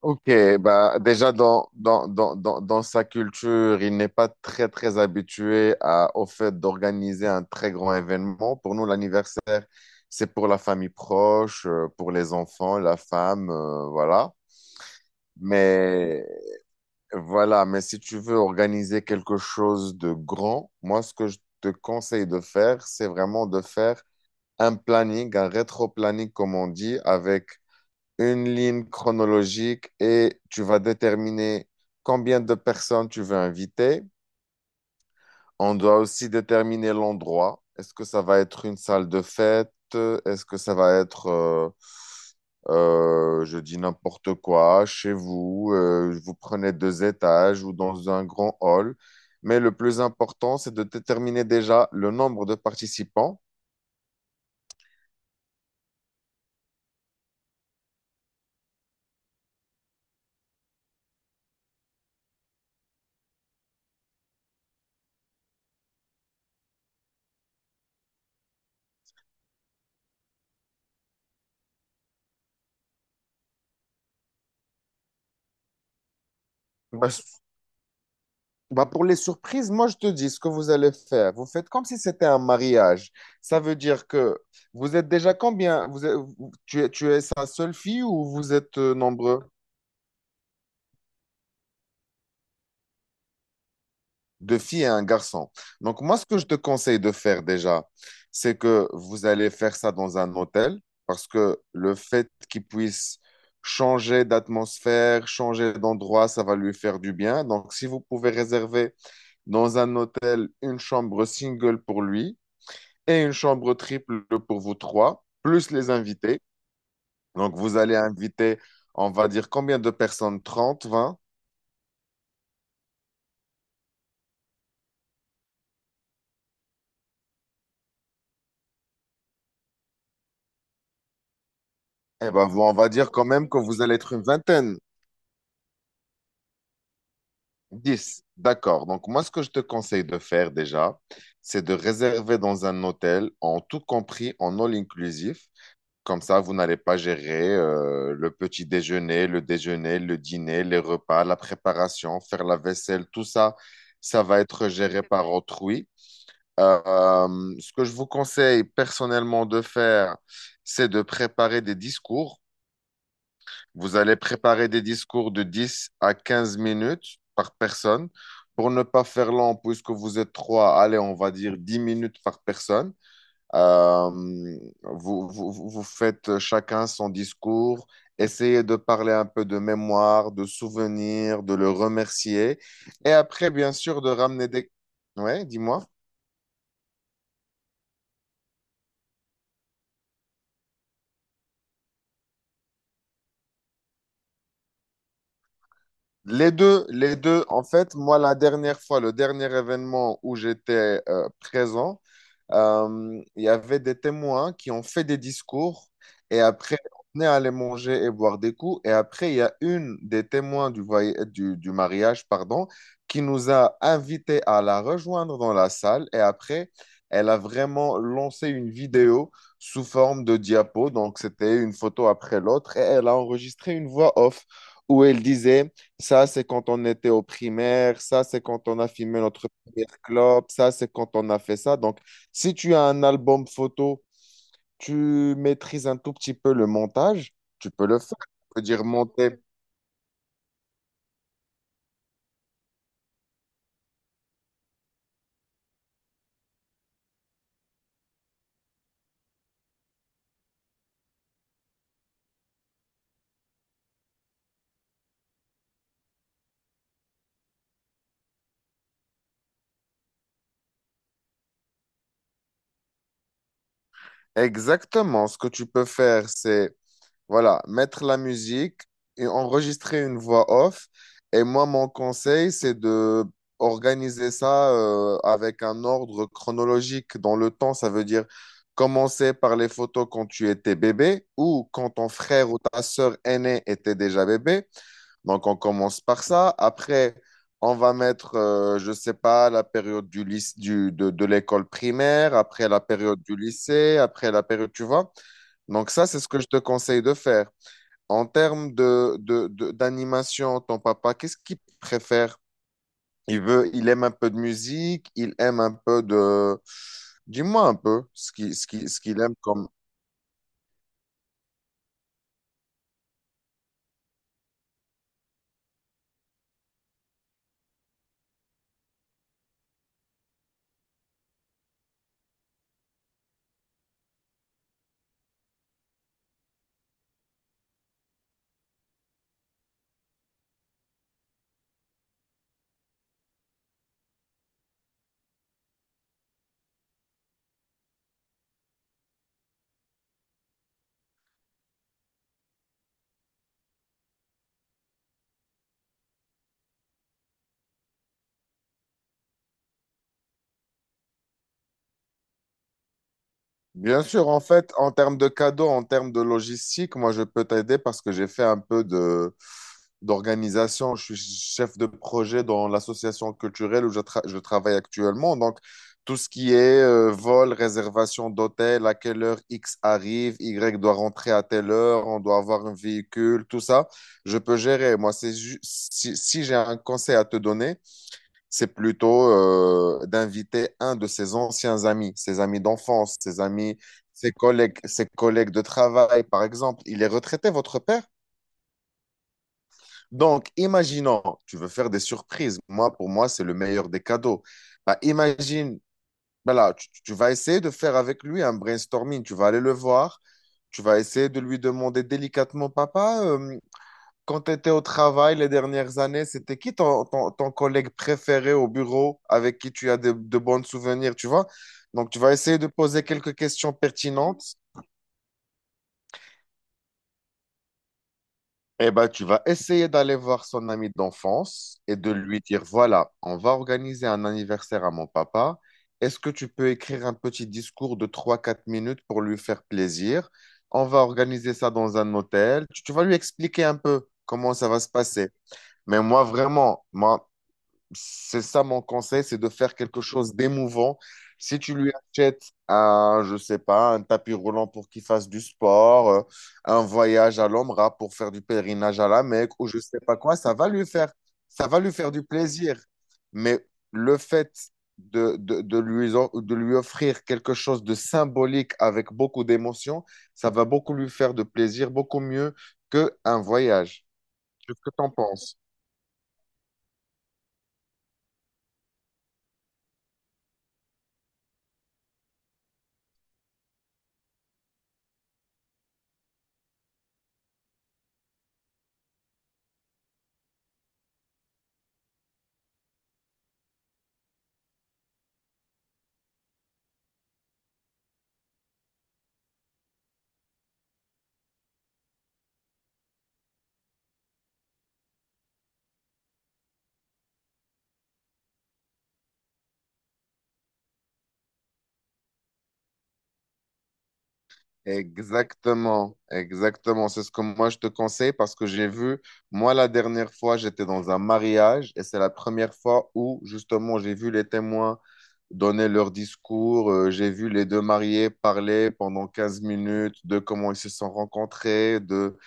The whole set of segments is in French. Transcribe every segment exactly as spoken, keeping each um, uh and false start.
Ok, bah déjà dans, dans, dans, dans, dans sa culture, il n'est pas très très habitué à, au fait d'organiser un très grand événement. Pour nous, l'anniversaire, c'est pour la famille proche, euh, pour les enfants, la femme, euh, voilà. Mais voilà, mais si tu veux organiser quelque chose de grand, moi, ce que je te conseille de faire, c'est vraiment de faire un planning, un rétro-planning, comme on dit, avec une ligne chronologique et tu vas déterminer combien de personnes tu veux inviter. On doit aussi déterminer l'endroit. Est-ce que ça va être une salle de fête? Est-ce que ça va être, euh, euh, je dis n'importe quoi, chez vous? euh, vous prenez deux étages ou dans un grand hall. Mais le plus important, c'est de déterminer déjà le nombre de participants. Bah, Bah pour les surprises, moi je te dis ce que vous allez faire. Vous faites comme si c'était un mariage. Ça veut dire que vous êtes déjà combien? Vous êtes- vous- tu es, tu es sa seule fille ou vous êtes euh, nombreux? Deux filles et un garçon. Donc moi ce que je te conseille de faire déjà, c'est que vous allez faire ça dans un hôtel parce que le fait qu'il puisse changer d'atmosphère, changer d'endroit, ça va lui faire du bien. Donc si vous pouvez réserver dans un hôtel une chambre single pour lui. Et une chambre triple pour vous trois, plus les invités. Donc, vous allez inviter, on va dire combien de personnes? Trente, vingt? Eh ben, vous, on va dire quand même que vous allez être une vingtaine. Dix. D'accord. Donc, moi, ce que je te conseille de faire déjà, c'est de réserver dans un hôtel, en tout compris, en all inclusif. Comme ça, vous n'allez pas gérer euh, le petit déjeuner, le déjeuner, le dîner, les repas, la préparation, faire la vaisselle, tout ça, ça va être géré par autrui. Euh, ce que je vous conseille personnellement de faire, c'est de préparer des discours. Vous allez préparer des discours de dix à quinze minutes par personne. Pour ne pas faire long, puisque vous êtes trois, allez, on va dire dix minutes par personne. Euh, vous, vous, vous faites chacun son discours. Essayez de parler un peu de mémoire, de souvenirs, de le remercier. Et après, bien sûr, de ramener des. Ouais, dis-moi. Les deux, les deux. En fait, moi, la dernière fois, le dernier événement où j'étais euh, présent, euh, il y avait des témoins qui ont fait des discours et après, on est allé manger et boire des coups. Et après, il y a une des témoins du, voy- du, du mariage, pardon, qui nous a invités à la rejoindre dans la salle. Et après, elle a vraiment lancé une vidéo sous forme de diapo. Donc, c'était une photo après l'autre. Et elle a enregistré une voix off où elle disait: ça, c'est quand on était au primaire, ça, c'est quand on a filmé notre première clope, ça, c'est quand on a fait ça. Donc, si tu as un album photo, tu maîtrises un tout petit peu le montage, tu peux le faire. Tu peux dire monter. Exactement. Ce que tu peux faire, c'est voilà, mettre la musique et enregistrer une voix off. Et moi, mon conseil, c'est de organiser ça euh, avec un ordre chronologique dans le temps. Ça veut dire commencer par les photos quand tu étais bébé ou quand ton frère ou ta sœur aînée était déjà bébé. Donc, on commence par ça. Après, on va mettre, euh, je ne sais pas, la période du lyc- du, de, de l'école primaire, après la période du lycée, après la période, tu vois. Donc, ça, c'est ce que je te conseille de faire. En termes de, de- de- d'animation, ton papa, qu'est-ce qu'il préfère? Il veut, il aime un peu de musique, il aime un peu de. Dis-moi un peu ce qui, ce qui, ce qu'il aime comme. Bien sûr, en fait, en termes de cadeaux, en termes de logistique, moi, je peux t'aider parce que j'ai fait un peu de d'organisation, je suis chef de projet dans l'association culturelle où je, tra- je travaille actuellement. Donc, tout ce qui est euh, vol, réservation d'hôtel, à quelle heure X arrive, Y doit rentrer à telle heure, on doit avoir un véhicule, tout ça, je peux gérer. Moi, c'est ju- si, si j'ai un conseil à te donner, c'est plutôt euh, d'inviter un de ses anciens amis, ses amis d'enfance, ses amis, ses collègues, ses collègues de travail, par exemple. Il est retraité, votre père? Donc, imaginons, tu veux faire des surprises. Moi, pour moi, c'est le meilleur des cadeaux. Bah, imagine, voilà, tu, tu vas essayer de faire avec lui un brainstorming. Tu vas aller le voir. Tu vas essayer de lui demander délicatement, papa, euh, quand tu étais au travail les dernières années, c'était qui ton, ton- ton collègue préféré au bureau avec qui tu as de, de bons souvenirs, tu vois? Donc, tu vas essayer de poser quelques questions pertinentes. Eh ben, tu vas essayer d'aller voir son ami d'enfance et de lui dire, voilà, on va organiser un anniversaire à mon papa. Est-ce que tu peux écrire un petit discours de trois quatre minutes pour lui faire plaisir? On va organiser ça dans un hôtel. Tu, tu vas lui expliquer un peu comment ça va se passer. Mais moi, vraiment, moi, c'est ça mon conseil, c'est de faire quelque chose d'émouvant. Si tu lui achètes un, je sais pas, un tapis roulant pour qu'il fasse du sport, euh, un voyage à l'Omra pour faire du pèlerinage à la Mecque ou je sais pas quoi, ça va lui faire, ça va lui faire du plaisir. Mais le fait de, de, de lui, en- de lui offrir quelque chose de symbolique avec beaucoup d'émotion, ça va beaucoup lui faire de plaisir, beaucoup mieux qu'un voyage. Qu'est-ce que tu en penses? Exactement, exactement. C'est ce que moi je te conseille parce que j'ai vu, moi la dernière fois, j'étais dans un mariage et c'est la première fois où justement j'ai vu les témoins donner leur discours, euh, j'ai vu les deux mariés parler pendant quinze minutes de comment ils se sont rencontrés, de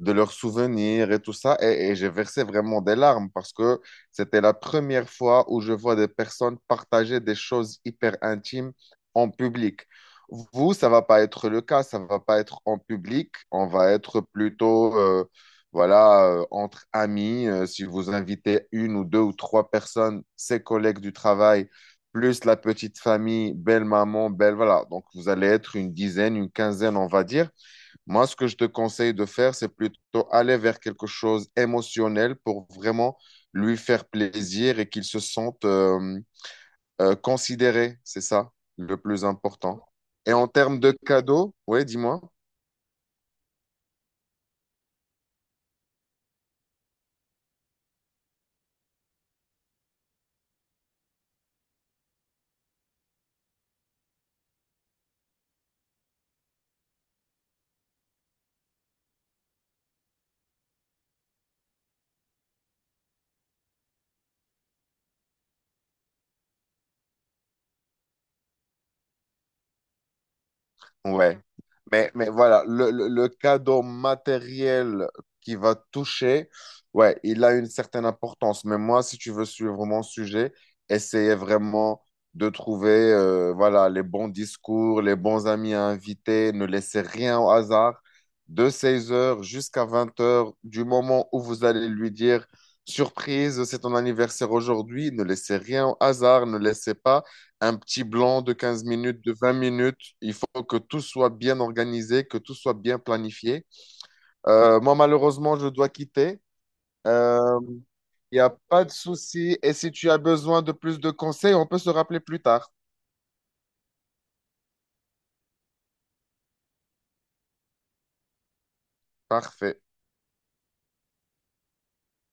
de leurs souvenirs et tout ça. Et, et j'ai versé vraiment des larmes parce que c'était la première fois où je vois des personnes partager des choses hyper intimes en public. Vous, ça va pas être le cas, ça va pas être en public, on va être plutôt euh, voilà, euh, entre amis, euh, si vous invitez une ou deux ou trois personnes, ses collègues du travail, plus la petite famille, belle maman, belle, voilà. Donc, vous allez être une dizaine, une quinzaine, on va dire. Moi, ce que je te conseille de faire, c'est plutôt aller vers quelque chose émotionnel pour vraiment lui faire plaisir et qu'il se sente euh, euh, considéré. C'est ça le plus important. Et en termes de cadeaux, oui, dis-moi. Ouais. Mais, mais voilà, le, le- le cadeau matériel qui va toucher, ouais, il a une certaine importance. Mais moi, si tu veux suivre mon sujet, essayez vraiment de trouver euh, voilà, les bons discours, les bons amis à inviter. Ne laissez rien au hasard. De seize heures jusqu'à vingt heures du moment où vous allez lui dire, surprise, c'est ton anniversaire aujourd'hui, ne laissez rien au hasard, ne laissez pas un petit blanc de quinze minutes, de vingt minutes. Il faut que tout soit bien organisé, que tout soit bien planifié. Euh, moi, malheureusement, je dois quitter. Euh, Il n'y a pas de souci. Et si tu as besoin de plus de conseils, on peut se rappeler plus tard. Parfait.